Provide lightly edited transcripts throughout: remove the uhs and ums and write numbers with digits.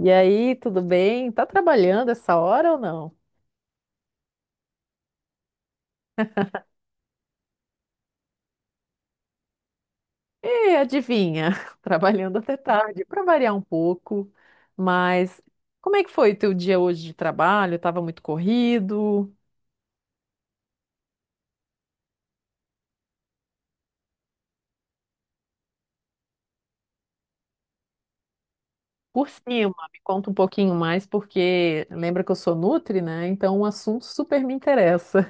E aí, tudo bem? Tá trabalhando essa hora ou não? E adivinha, trabalhando até tarde, para variar um pouco. Mas como é que foi o teu dia hoje de trabalho? Tava muito corrido? Por cima, me conta um pouquinho mais, porque lembra que eu sou nutri, né? Então o assunto super me interessa.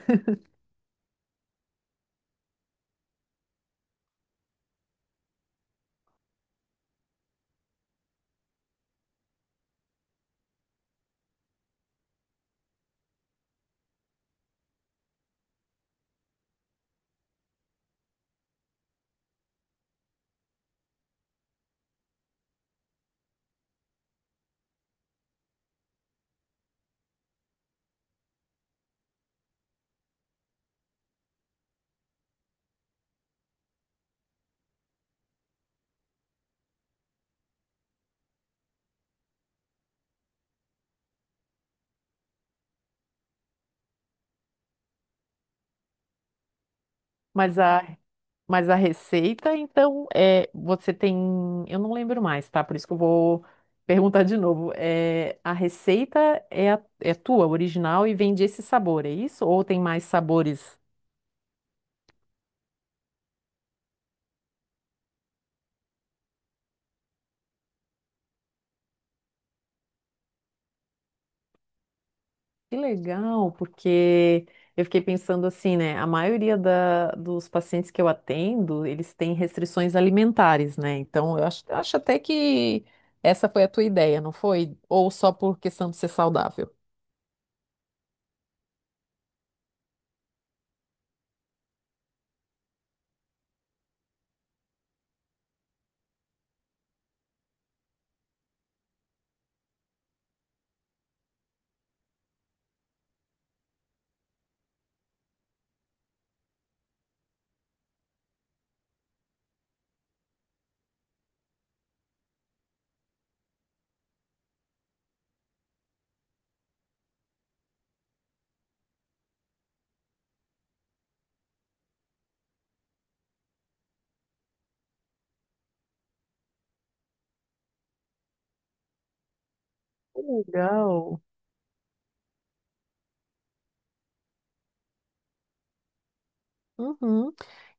Mas a, mas a receita, então, é, você tem. Eu não lembro mais, tá? Por isso que eu vou perguntar de novo. É, a receita é, é tua, original, e vem desse sabor, é isso? Ou tem mais sabores? Que legal, porque eu fiquei pensando assim, né? A maioria dos pacientes que eu atendo, eles têm restrições alimentares, né? Então, acho até que essa foi a tua ideia, não foi? Ou só por questão de ser saudável? Que legal. Uhum.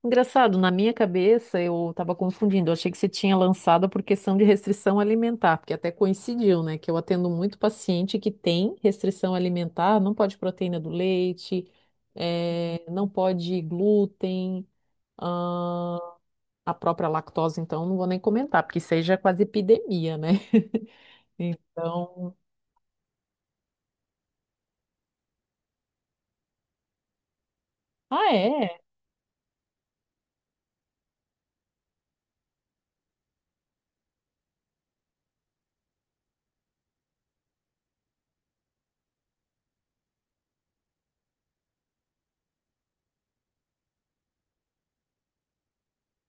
Engraçado, na minha cabeça eu estava confundindo. Eu achei que você tinha lançado por questão de restrição alimentar, porque até coincidiu, né? Que eu atendo muito paciente que tem restrição alimentar, não pode proteína do leite, não pode glúten, ah, a própria lactose, então não vou nem comentar, porque isso aí já é quase epidemia, né? Então. Ah, é?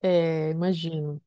É, imagino.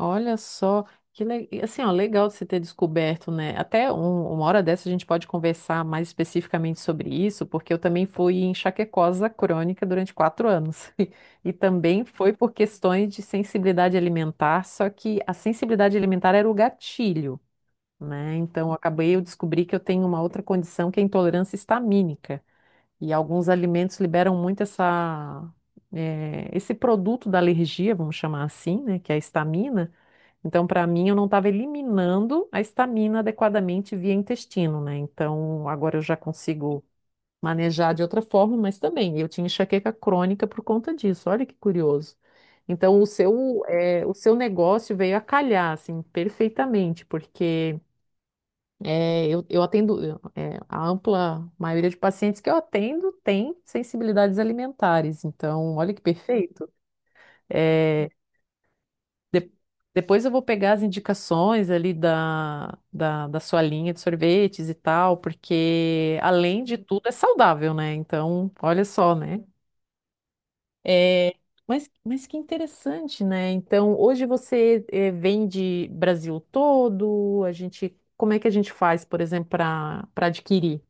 Olha só, que e assim, ó, legal de você ter descoberto, né? Até uma hora dessa a gente pode conversar mais especificamente sobre isso, porque eu também fui enxaquecosa crônica durante 4 anos. E também foi por questões de sensibilidade alimentar, só que a sensibilidade alimentar era o gatilho, né? Então eu descobri que eu tenho uma outra condição que é a intolerância histamínica. E alguns alimentos liberam muito essa, esse produto da alergia, vamos chamar assim, né? Que é a histamina. Então, para mim, eu não estava eliminando a histamina adequadamente via intestino, né? Então, agora eu já consigo manejar de outra forma, mas também eu tinha enxaqueca crônica por conta disso. Olha que curioso. Então, o seu negócio veio a calhar, assim, perfeitamente, porque eh, eu atendo, eu, eh, a ampla maioria de pacientes que eu atendo tem sensibilidades alimentares. Então, olha que perfeito. Eh, de- Depois eu vou pegar as indicações ali da sua linha de sorvetes e tal, porque além de tudo é saudável, né? Então, olha só, né? É, mas que interessante, né? Então, hoje você vende Brasil todo, a gente, como é que a gente faz, por exemplo, para adquirir?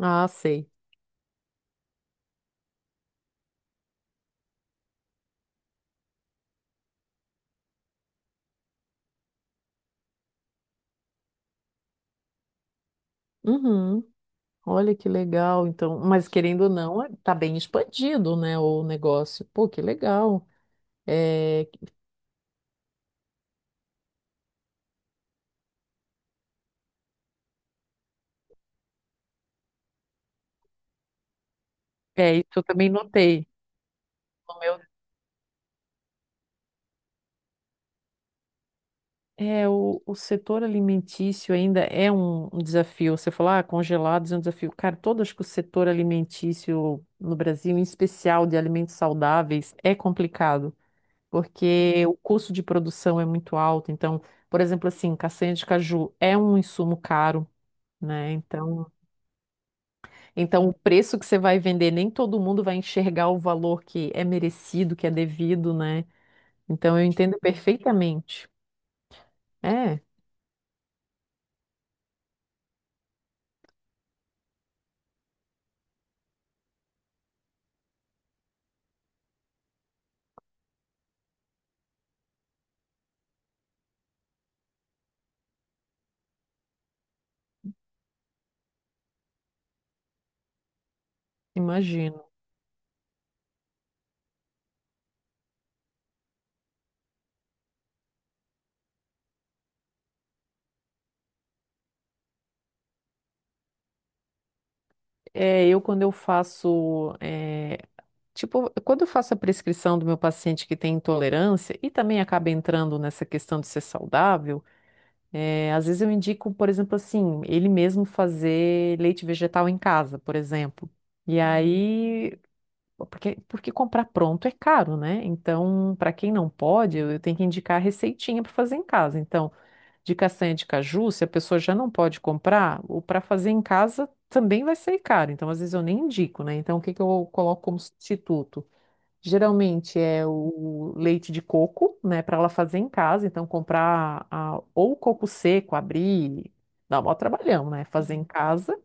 Ah, sei. Uhum. Olha que legal, então, mas querendo ou não, tá bem expandido, né, o negócio. Pô, que legal. É, é, isso eu também notei. No meu... É, o setor alimentício ainda é um desafio. Você falou, ah, congelados é um desafio. Cara, todo acho que o setor alimentício no Brasil, em especial de alimentos saudáveis, é complicado, porque o custo de produção é muito alto. Então, por exemplo, assim, castanha de caju é um insumo caro, né? Então o preço que você vai vender, nem todo mundo vai enxergar o valor que é merecido, que é devido, né? Então, eu entendo perfeitamente. É. Imagino. É, eu quando eu faço, é, tipo, quando eu faço a prescrição do meu paciente que tem intolerância e também acaba entrando nessa questão de ser saudável, é, às vezes eu indico, por exemplo, assim, ele mesmo fazer leite vegetal em casa, por exemplo. E aí, porque comprar pronto é caro, né? Então, para quem não pode, eu tenho que indicar a receitinha para fazer em casa. Então, de castanha de caju, se a pessoa já não pode comprar, o para fazer em casa também vai sair caro. Então, às vezes eu nem indico, né? Então, o que que eu coloco como substituto? Geralmente é o leite de coco, né, para ela fazer em casa. Então, ou coco seco, abrir, dá um maior trabalhão, né? Fazer em casa.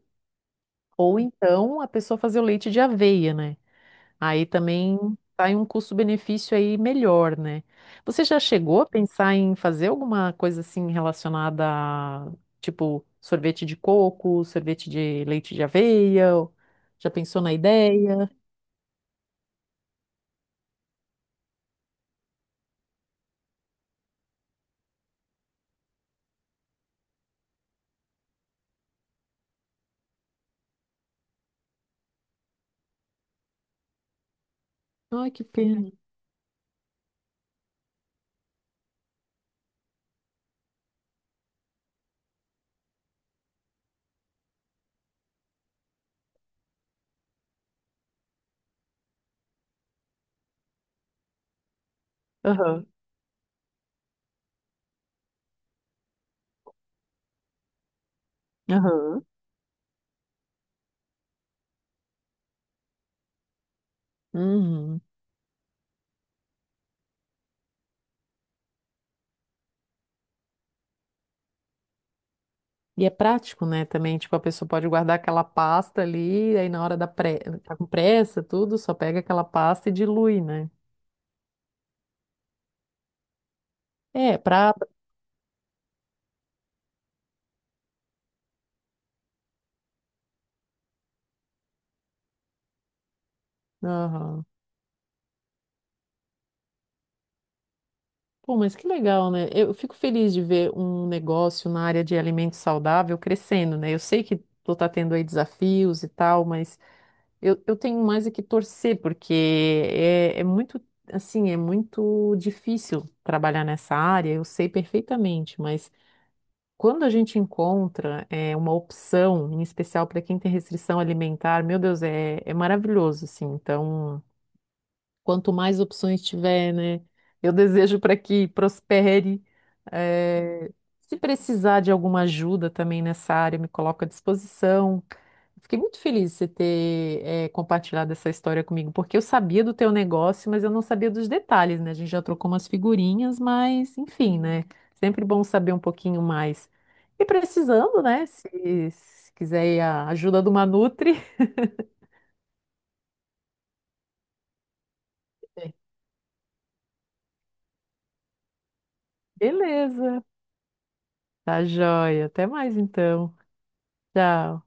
Ou então a pessoa fazer o leite de aveia, né? Aí também sai um custo-benefício aí melhor, né? Você já chegou a pensar em fazer alguma coisa assim relacionada a, tipo, sorvete de coco, sorvete de leite de aveia? Já pensou na ideia? Ai, que pena. Aham, aham. Uhum. E é prático, né, também, tipo, a pessoa pode guardar aquela pasta ali, aí na hora da pre... tá com pressa, tudo, só pega aquela pasta e dilui, né? É, pra... Pô, mas que legal, né? Eu fico feliz de ver um negócio na área de alimento saudável crescendo, né? Eu sei que tu tá tendo aí desafios e tal, mas eu tenho mais é que torcer, porque é, é muito, é muito difícil trabalhar nessa área, eu sei perfeitamente, mas quando a gente encontra é, uma opção, em especial para quem tem restrição alimentar, meu Deus, é maravilhoso, assim, então. Quanto mais opções tiver, né? Eu desejo para que prospere. Eh, Se precisar de alguma ajuda também nessa área, me coloco à disposição. Fiquei muito feliz de você ter, compartilhado essa história comigo, porque eu sabia do teu negócio, mas eu não sabia dos detalhes, né? A gente já trocou umas figurinhas, mas enfim, né? Sempre bom saber um pouquinho mais. E precisando, né? Se quiser aí a ajuda de uma Nutri, beleza. Tá joia. Até mais então. Tchau.